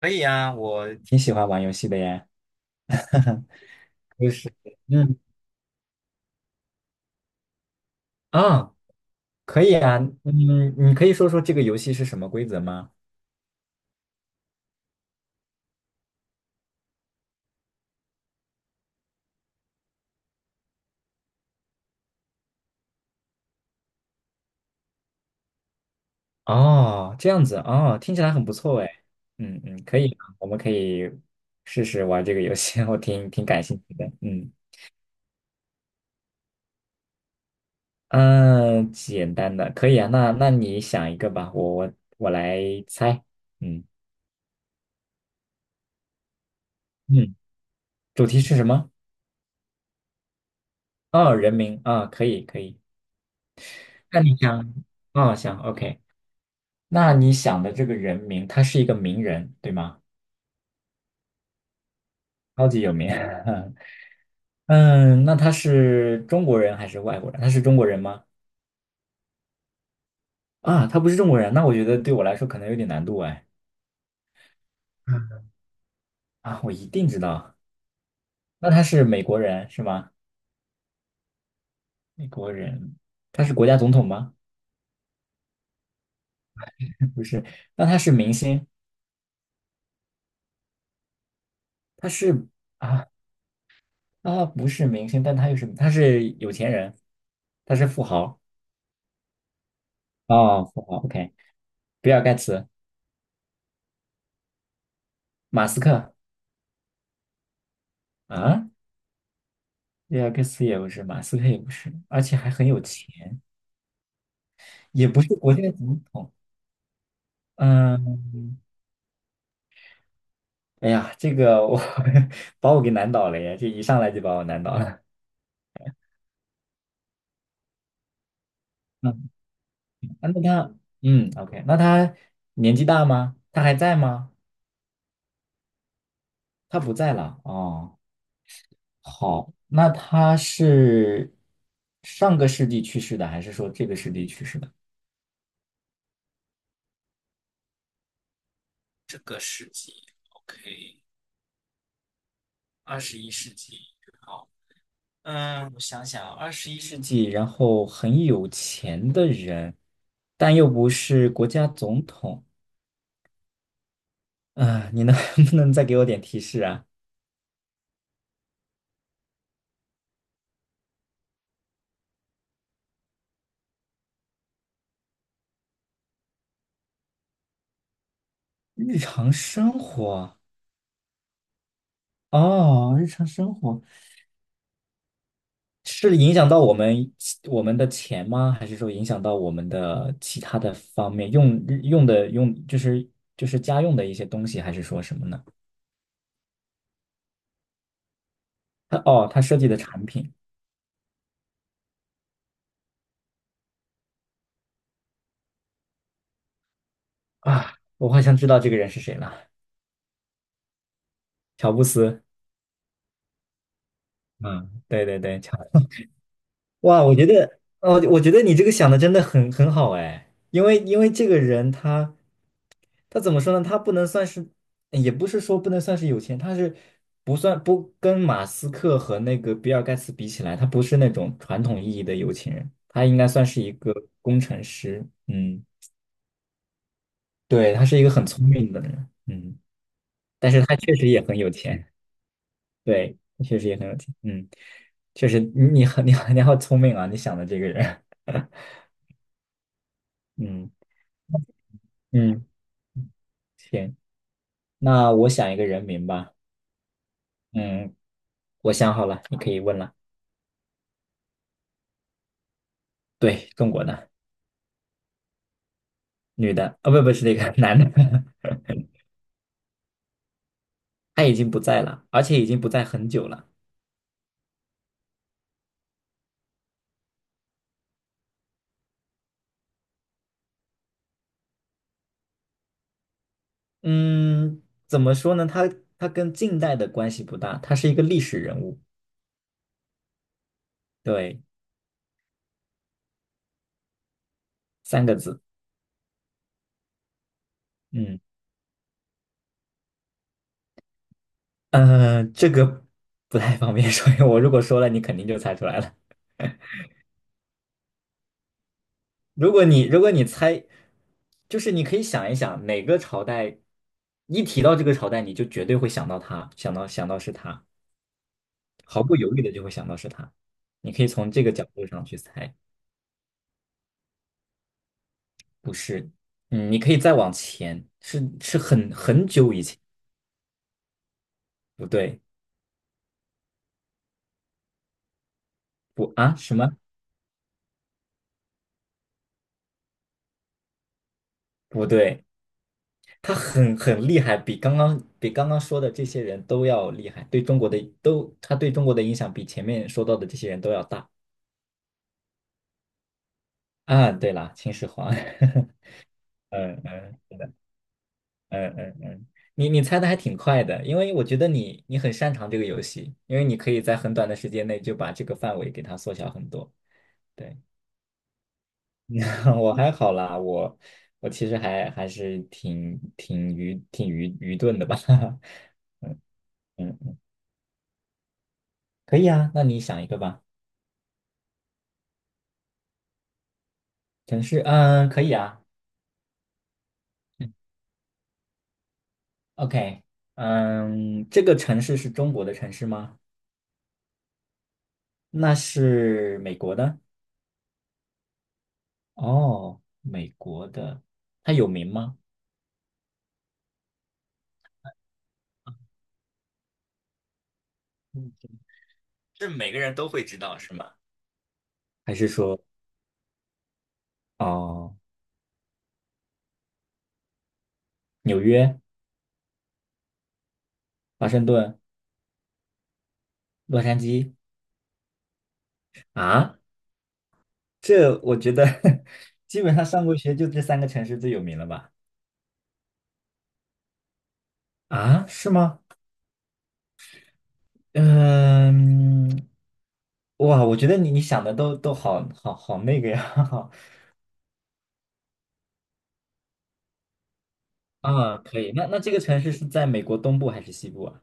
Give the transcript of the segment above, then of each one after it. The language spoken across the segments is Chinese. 可以啊，我挺喜欢玩游戏的耶。就是，嗯，啊，可以啊，嗯，你可以说说这个游戏是什么规则吗？哦，这样子，哦，听起来很不错哎。嗯嗯，可以啊，我们可以试试玩这个游戏，我挺感兴趣的。嗯嗯，简单的，可以啊。那你想一个吧，我来猜。嗯嗯，主题是什么？哦，人名啊，可以可以。那你想，哦，想，OK。那你想的这个人名，他是一个名人，对吗？超级有名。嗯，那他是中国人还是外国人？他是中国人吗？啊，他不是中国人，那我觉得对我来说可能有点难度哎。嗯啊，我一定知道。那他是美国人是吗？美国人，他是国家总统吗？不是。那他是明星？他是啊，啊，不是明星，但他又是他是有钱人，他是富豪。哦，富豪。OK,比尔盖茨、马斯克啊。列亚克斯也不是，马斯克也不是，而且还很有钱，也不是国家总统。嗯，哎呀，这个我 把我给难倒了呀，这一上来就把我难倒了。嗯，啊那他，OK,那他年纪大吗？他还在吗？他不在了。哦，好，那他是上个世纪去世的，还是说这个世纪去世的？这个世纪，OK,二十一世纪，好。嗯，我想想啊，二十一世纪，然后很有钱的人，但又不是国家总统啊，你能 不能再给我点提示啊？日常生活哦，日常生活是影响到我们的钱吗？还是说影响到我们的其他的方面？用就是家用的一些东西，还是说什么呢？他设计的产品啊，我好像知道这个人是谁了，乔布斯。嗯，对对对，乔。哇，我觉得你这个想的真的很好哎，因为这个人他怎么说呢？他不能算是，也不是说不能算是有钱，他是不算不跟马斯克和那个比尔盖茨比起来，他不是那种传统意义的有钱人，他应该算是一个工程师，嗯，对，他是一个很聪明的人，嗯，但是他确实也很有钱，对，确实也很有钱，嗯，确实你好聪明啊，你想的这个人，嗯嗯。行，那我想一个人名吧。嗯，我想好了，你可以问了。对，中国的女的，啊，不是那个 男的，他已经不在了，而且已经不在很久了。嗯，怎么说呢？他跟近代的关系不大，他是一个历史人物。对，三个字。嗯，这个不太方便说，因为我如果说了，你肯定就猜出来了。如果你猜，就是你可以想一想哪个朝代，一提到这个朝代，你就绝对会想到他，想到是他，毫不犹豫的就会想到是他。你可以从这个角度上去猜，不是，嗯，你可以再往前，是很久以前，不对，不啊什么？不对，他很厉害，比刚刚说的这些人都要厉害，对中国的都，他对中国的影响比前面说到的这些人都要大。啊，对了，秦始皇。嗯嗯嗯嗯嗯，你猜的还挺快的，因为我觉得你很擅长这个游戏，因为你可以在很短的时间内就把这个范围给它缩小很多。对，我还好啦，我其实还是挺愚钝的吧。嗯，可以啊，那你想一个吧。城市，嗯，可以啊。嗯 OK,嗯，这个城市是中国的城市吗？那是美国的。哦，美国的，它有名吗？是每个人都会知道是吗？还是说哦，纽约、华盛顿、洛杉矶啊？这我觉得 基本上上过学就这三个城市最有名了吧？啊，是吗？嗯，哇，我觉得你想的都好好好那个呀。啊，可以。那这个城市是在美国东部还是西部啊？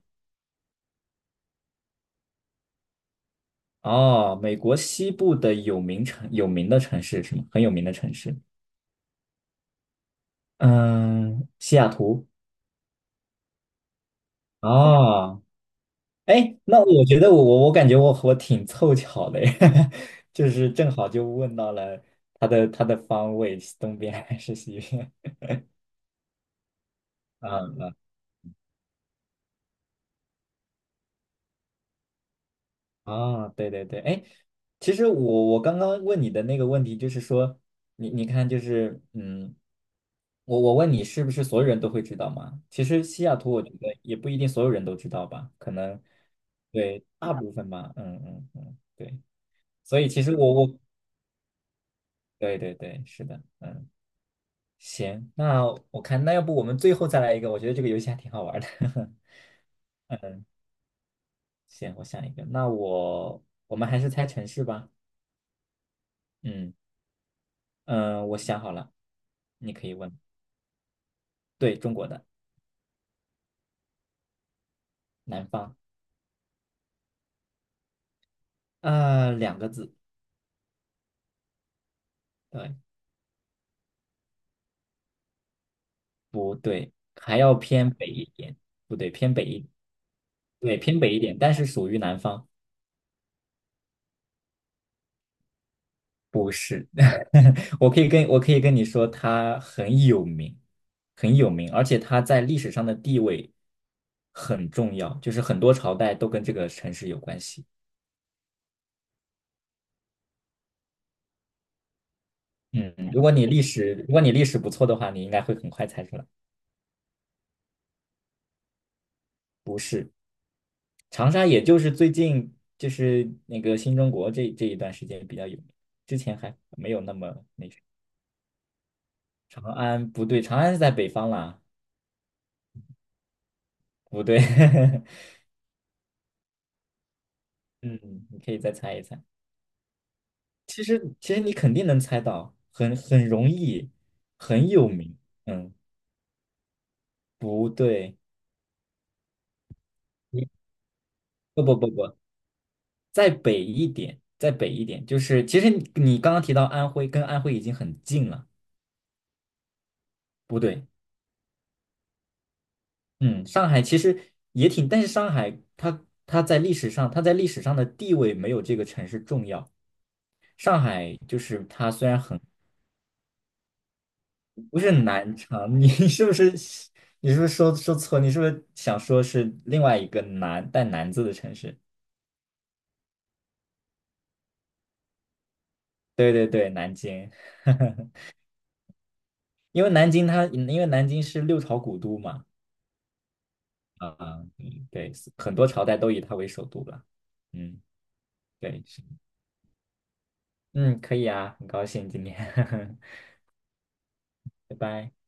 哦，美国西部的有名的城市是吗？很有名的城市。嗯，西雅图。哦，哎，那我觉得我感觉我挺凑巧的耶，就是正好就问到了它的方位，是东边还是西边 嗯嗯，啊，对对对，哎，其实我刚刚问你的那个问题就是说，你看就是嗯，我问你是不是所有人都会知道嘛？其实西雅图我觉得也不一定所有人都知道吧，可能对大部分吧，嗯嗯嗯，对，所以其实对对对，是的，嗯。行，那我看，那要不我们最后再来一个？我觉得这个游戏还挺好玩的。行，我想一个，那我们还是猜城市吧。嗯嗯、我想好了，你可以问。对，中国的南方，两个字，对，不对？还要偏北一点，不对，偏北一，对，偏北一点，但是属于南方，不是。我可以跟你说，他很有名，很有名，而且他在历史上的地位很重要，就是很多朝代都跟这个城市有关系。嗯，如果你历史不错的话，你应该会很快猜出来。是长沙，也就是最近就是那个新中国这一段时间比较有名，之前还没有那么那什么。长安不对，长安是在北方啦，不对。嗯，你可以再猜一猜。其实你肯定能猜到，很容易，很有名。嗯，不对，你不不不不，再北一点，再北一点，就是其实你刚刚提到安徽，跟安徽已经很近了。不对，嗯，上海其实也挺，但是上海它在历史上的地位没有这个城市重要。上海就是它虽然很不是南昌，你 你是不是说错？你是不是想说是另外一个南带"南"字的城市？对对对，南京，因为南京是六朝古都嘛，啊、嗯，对，很多朝代都以它为首都了，嗯，对，是，嗯，可以啊，很高兴今天，拜拜。